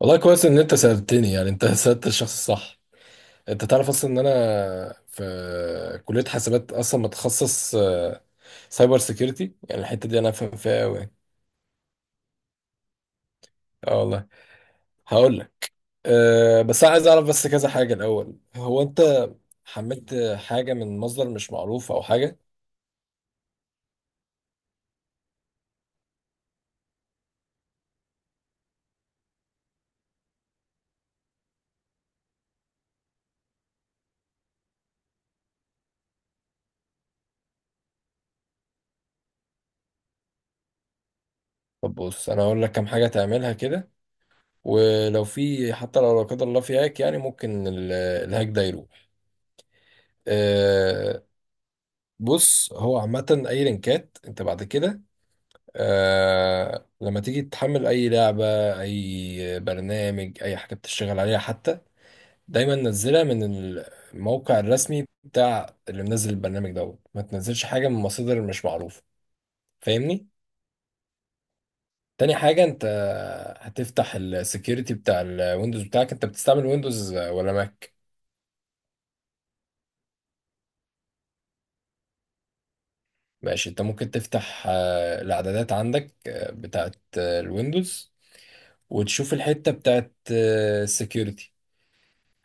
والله كويس ان انت سألتني يعني انت سألت الشخص الصح. انت تعرف اصلا ان انا في كلية حاسبات اصلا متخصص سايبر سيكيورتي، يعني الحتة دي انا فاهم فيها قوي. اه والله. هقول لك. بس انا عايز اعرف بس كذا حاجة الاول، هو انت حملت حاجة من مصدر مش معروف او حاجة؟ طب بص، انا هقول لك كام حاجة تعملها كده، ولو في حتى لو لا قدر الله في هاك يعني ممكن الهاك ده يروح. أه بص، هو عامة أي لينكات أنت بعد كده لما تيجي تحمل اي لعبة، اي برنامج، اي حاجة بتشتغل عليها حتى، دايما نزلها من الموقع الرسمي بتاع اللي منزل البرنامج دوت، ما تنزلش حاجة من مصادر مش معروفة، فاهمني؟ تاني حاجة، انت هتفتح السكيورتي بتاع الويندوز بتاعك، انت بتستعمل ويندوز ولا ماك؟ ماشي، انت ممكن تفتح الاعدادات عندك، بتاعت الويندوز، وتشوف الحتة بتاعت السكيورتي.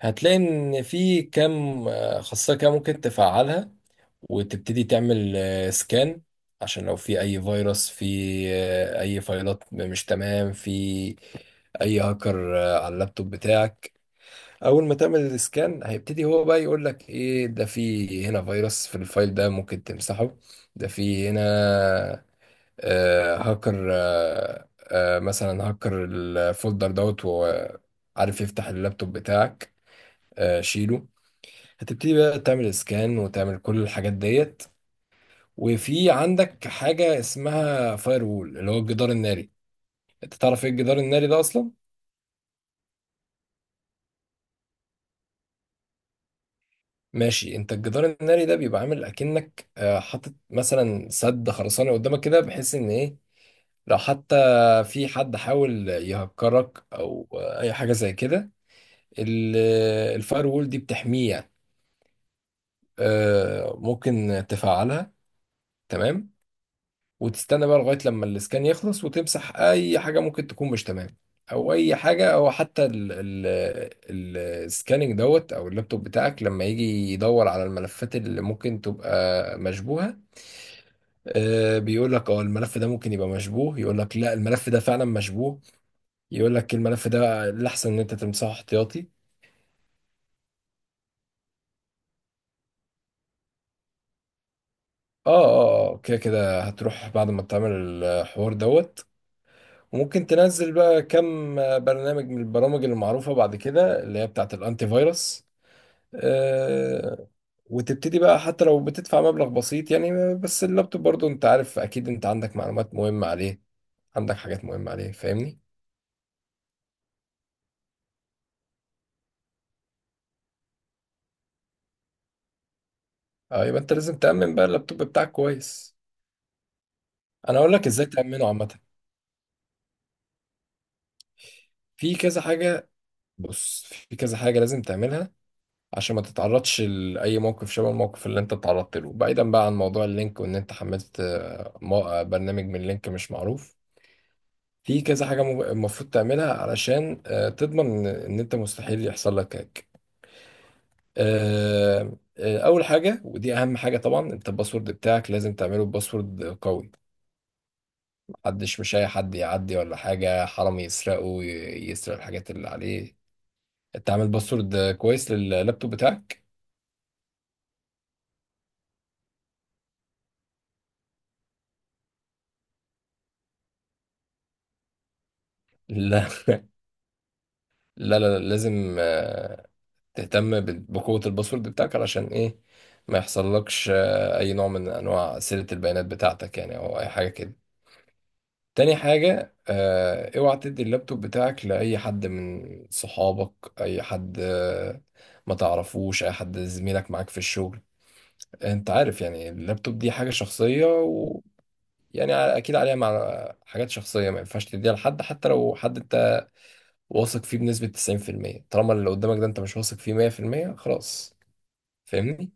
هتلاقي ان في كام خاصية كده ممكن تفعلها، وتبتدي تعمل سكان عشان لو في اي فيروس، في اي فايلات مش تمام، في اي هاكر على اللابتوب بتاعك. اول ما تعمل السكان هيبتدي هو بقى يقول لك ايه، ده في هنا فيروس في الفايل ده ممكن تمسحه، ده في هنا هاكر، مثلا هاكر الفولدر دوت وعارف يفتح اللابتوب بتاعك، شيله. هتبتدي بقى تعمل سكان وتعمل كل الحاجات ديت. وفي عندك حاجة اسمها فاير وول، اللي هو الجدار الناري. انت تعرف ايه الجدار الناري ده اصلا؟ ماشي، انت الجدار الناري ده بيبقى عامل اكنك حاطط مثلا سد خرساني قدامك كده، بحيث ان ايه لو حتى في حد حاول يهكرك او اي حاجة زي كده، ال- الفاير وول دي بتحميه يعني. ممكن تفعلها، تمام. وتستنى بقى لغاية لما الاسكان يخلص، وتمسح أي حاجة ممكن تكون مش تمام، أو أي حاجة، أو حتى ال السكاننج دوت، أو اللابتوب بتاعك لما يجي يدور على الملفات اللي ممكن تبقى مشبوهة. بيقول لك الملف ده ممكن يبقى مشبوه، يقول لك لا، الملف ده فعلا مشبوه، يقول لك الملف ده الأحسن إن أنت تمسحه احتياطي. اه، اه، اه، كده كده هتروح بعد ما تعمل الحوار دوت، وممكن تنزل بقى كم برنامج من البرامج المعروفة بعد كده، اللي هي بتاعة الأنتي فيروس. آه، وتبتدي بقى، حتى لو بتدفع مبلغ بسيط يعني، بس اللابتوب برضو انت عارف اكيد، انت عندك معلومات مهمة عليه، عندك حاجات مهمة عليه، فاهمني؟ اه، يبقى انت لازم تأمن بقى اللابتوب بتاعك كويس. انا اقول لك ازاي تأمنه عامة. في كذا حاجة. بص في كذا حاجة لازم تعملها عشان ما تتعرضش لأي موقف شبه الموقف اللي انت اتعرضت له، بعيدا بقى عن موضوع اللينك وان انت حملت برنامج من لينك مش معروف. في كذا حاجة المفروض تعملها علشان تضمن ان انت مستحيل يحصل لك هاك. اول حاجة ودي اهم حاجة طبعا، انت الباسورد بتاعك لازم تعمله باسورد قوي، محدش مش اي حد يعدي ولا حاجة حرام يسرقه، يسرق الحاجات اللي عليه، تعمل باسورد كويس لللابتوب بتاعك. لا، لا، لا، لا، لازم تهتم بقوة الباسورد بتاعك علشان ايه ما يحصلكش اي نوع من انواع سرقة البيانات بتاعتك يعني، او اي حاجة كده. تاني حاجة، اوعى تدي اللابتوب بتاعك لأي حد من صحابك، أي حد ما تعرفوش، أي حد زميلك معاك في الشغل. أنت عارف يعني اللابتوب دي حاجة شخصية، ويعني أكيد عليها مع حاجات شخصية، ما ينفعش تديها لحد، حتى لو حد أنت واثق فيه بنسبة 90%، طالما اللي قدامك ده أنت مش واثق فيه 100% خلاص، فاهمني؟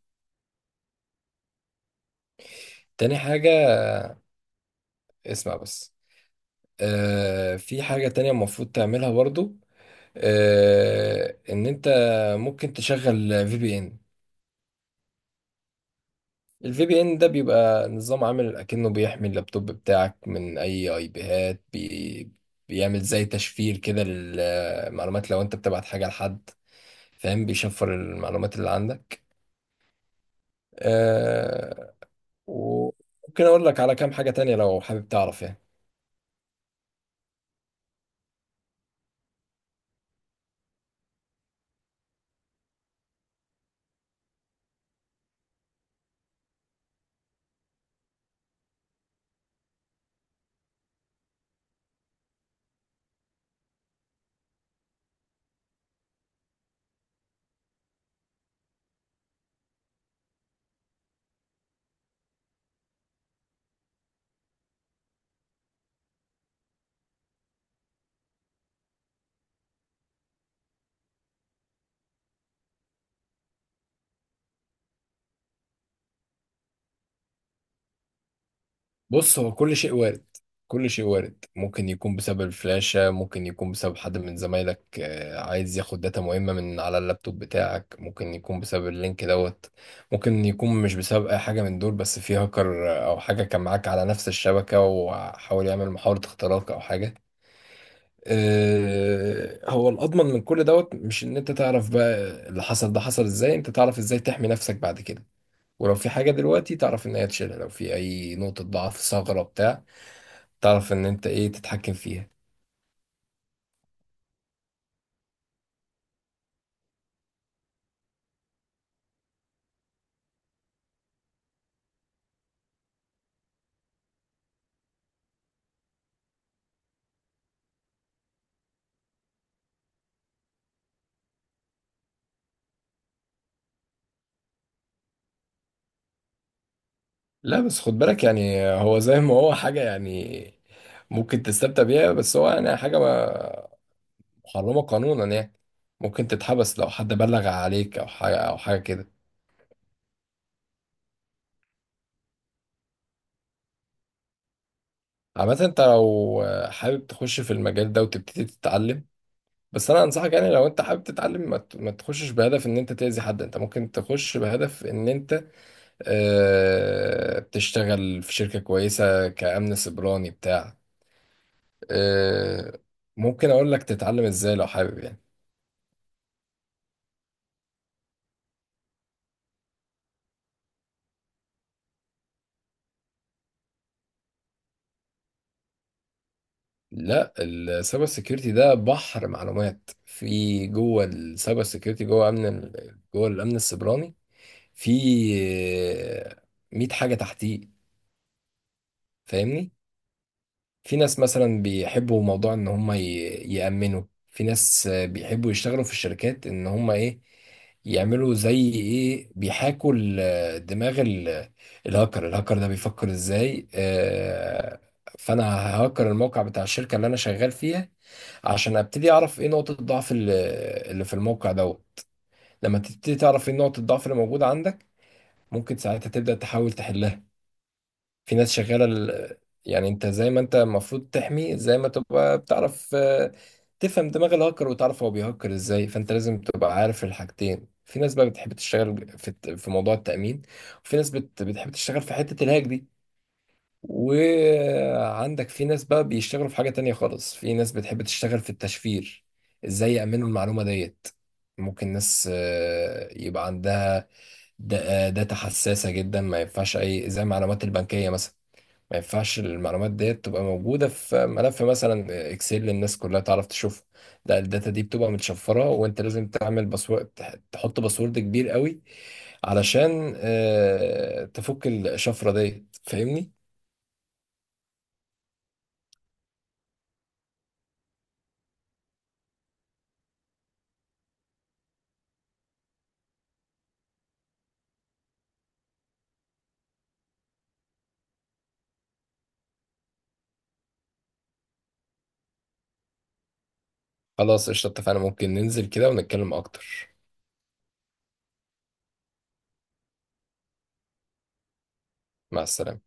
تاني حاجة، اسمع بس. في حاجة تانية المفروض تعملها برضو، ان انت ممكن تشغل في بي ان. الفي بي ان ده بيبقى نظام عامل اكنه بيحمي اللابتوب بتاعك من اي بيهات بي، بيعمل زي تشفير كده للمعلومات، لو انت بتبعت حاجة لحد، فاهم، بيشفر المعلومات اللي عندك. آه وممكن اقول لك على كام حاجة تانية لو حابب تعرف يعني. بص، هو كل شيء وارد، كل شيء وارد، ممكن يكون بسبب الفلاشة، ممكن يكون بسبب حد من زمايلك عايز ياخد داتا مهمة من على اللابتوب بتاعك، ممكن يكون بسبب اللينك دوت، ممكن يكون مش بسبب أي حاجة من دول، بس في هاكر أو حاجة كان معاك على نفس الشبكة وحاول يعمل محاولة اختراق أو حاجة. هو الأضمن من كل دوت مش إن أنت تعرف بقى اللي حصل ده حصل إزاي، أنت تعرف إزاي تحمي نفسك بعد كده، ولو في حاجة دلوقتي تعرف إن هي تشيلها، لو في أي نقطة ضعف ثغرة بتاع، تعرف ان انت ايه تتحكم فيها. لا بس خد بالك يعني، هو زي ما هو حاجة يعني ممكن تستمتع بيها، بس هو يعني حاجة محرمة قانونا يعني، ممكن تتحبس لو حد بلغ عليك او حاجة او حاجة كده. عامة انت لو حابب تخش في المجال ده وتبتدي تتعلم، بس انا انصحك يعني لو انت حابب تتعلم ما تخشش بهدف ان انت تأذي حد، انت ممكن تخش بهدف ان انت تشتغل في شركة كويسة كأمن سيبراني بتاع. آه، ممكن اقول لك تتعلم ازاي لو حابب يعني. لا، السايبر سيكيورتي ده بحر معلومات، في جوه السايبر سيكيورتي، جوه امن جوه الامن السيبراني في آه، 100 حاجه تحتيه، فاهمني؟ في ناس مثلا بيحبوا موضوع ان هم يأمنوا، في ناس بيحبوا يشتغلوا في الشركات ان هم ايه يعملوا زي ايه، بيحاكوا دماغ الهاكر، الهاكر ده بيفكر ازاي، فانا ههاكر الموقع بتاع الشركة اللي انا شغال فيها عشان ابتدي اعرف ايه نقطة الضعف اللي في الموقع دوت. لما تبتدي تعرف ايه نقطة الضعف اللي موجودة عندك، ممكن ساعتها تبدأ تحاول تحلها. في ناس شغالة يعني انت زي ما انت المفروض تحمي زي ما تبقى بتعرف تفهم دماغ الهاكر، وتعرف هو بيهكر ازاي، فانت لازم تبقى عارف الحاجتين. في ناس بقى بتحب تشتغل في في موضوع التأمين، وفي ناس بتحب تشتغل في حتة الهاك دي، وعندك في ناس بقى بيشتغلوا في حاجة تانية خالص، في ناس بتحب تشتغل في التشفير، ازاي يأمنوا المعلومة ديت. ممكن ناس يبقى عندها داتا حساسة جدا، ما ينفعش أي زي المعلومات البنكية مثلا، ما ينفعش المعلومات ديت تبقى موجودة في ملف مثلا اكسل الناس كلها تعرف تشوفها، لا الداتا دي بتبقى متشفرة، وانت لازم تعمل باسورد، تحط باسورد كبير قوي علشان تفك الشفرة ديت، فاهمني؟ خلاص قشطة، اتفقنا ممكن ننزل كده ونتكلم اكتر. مع السلامة.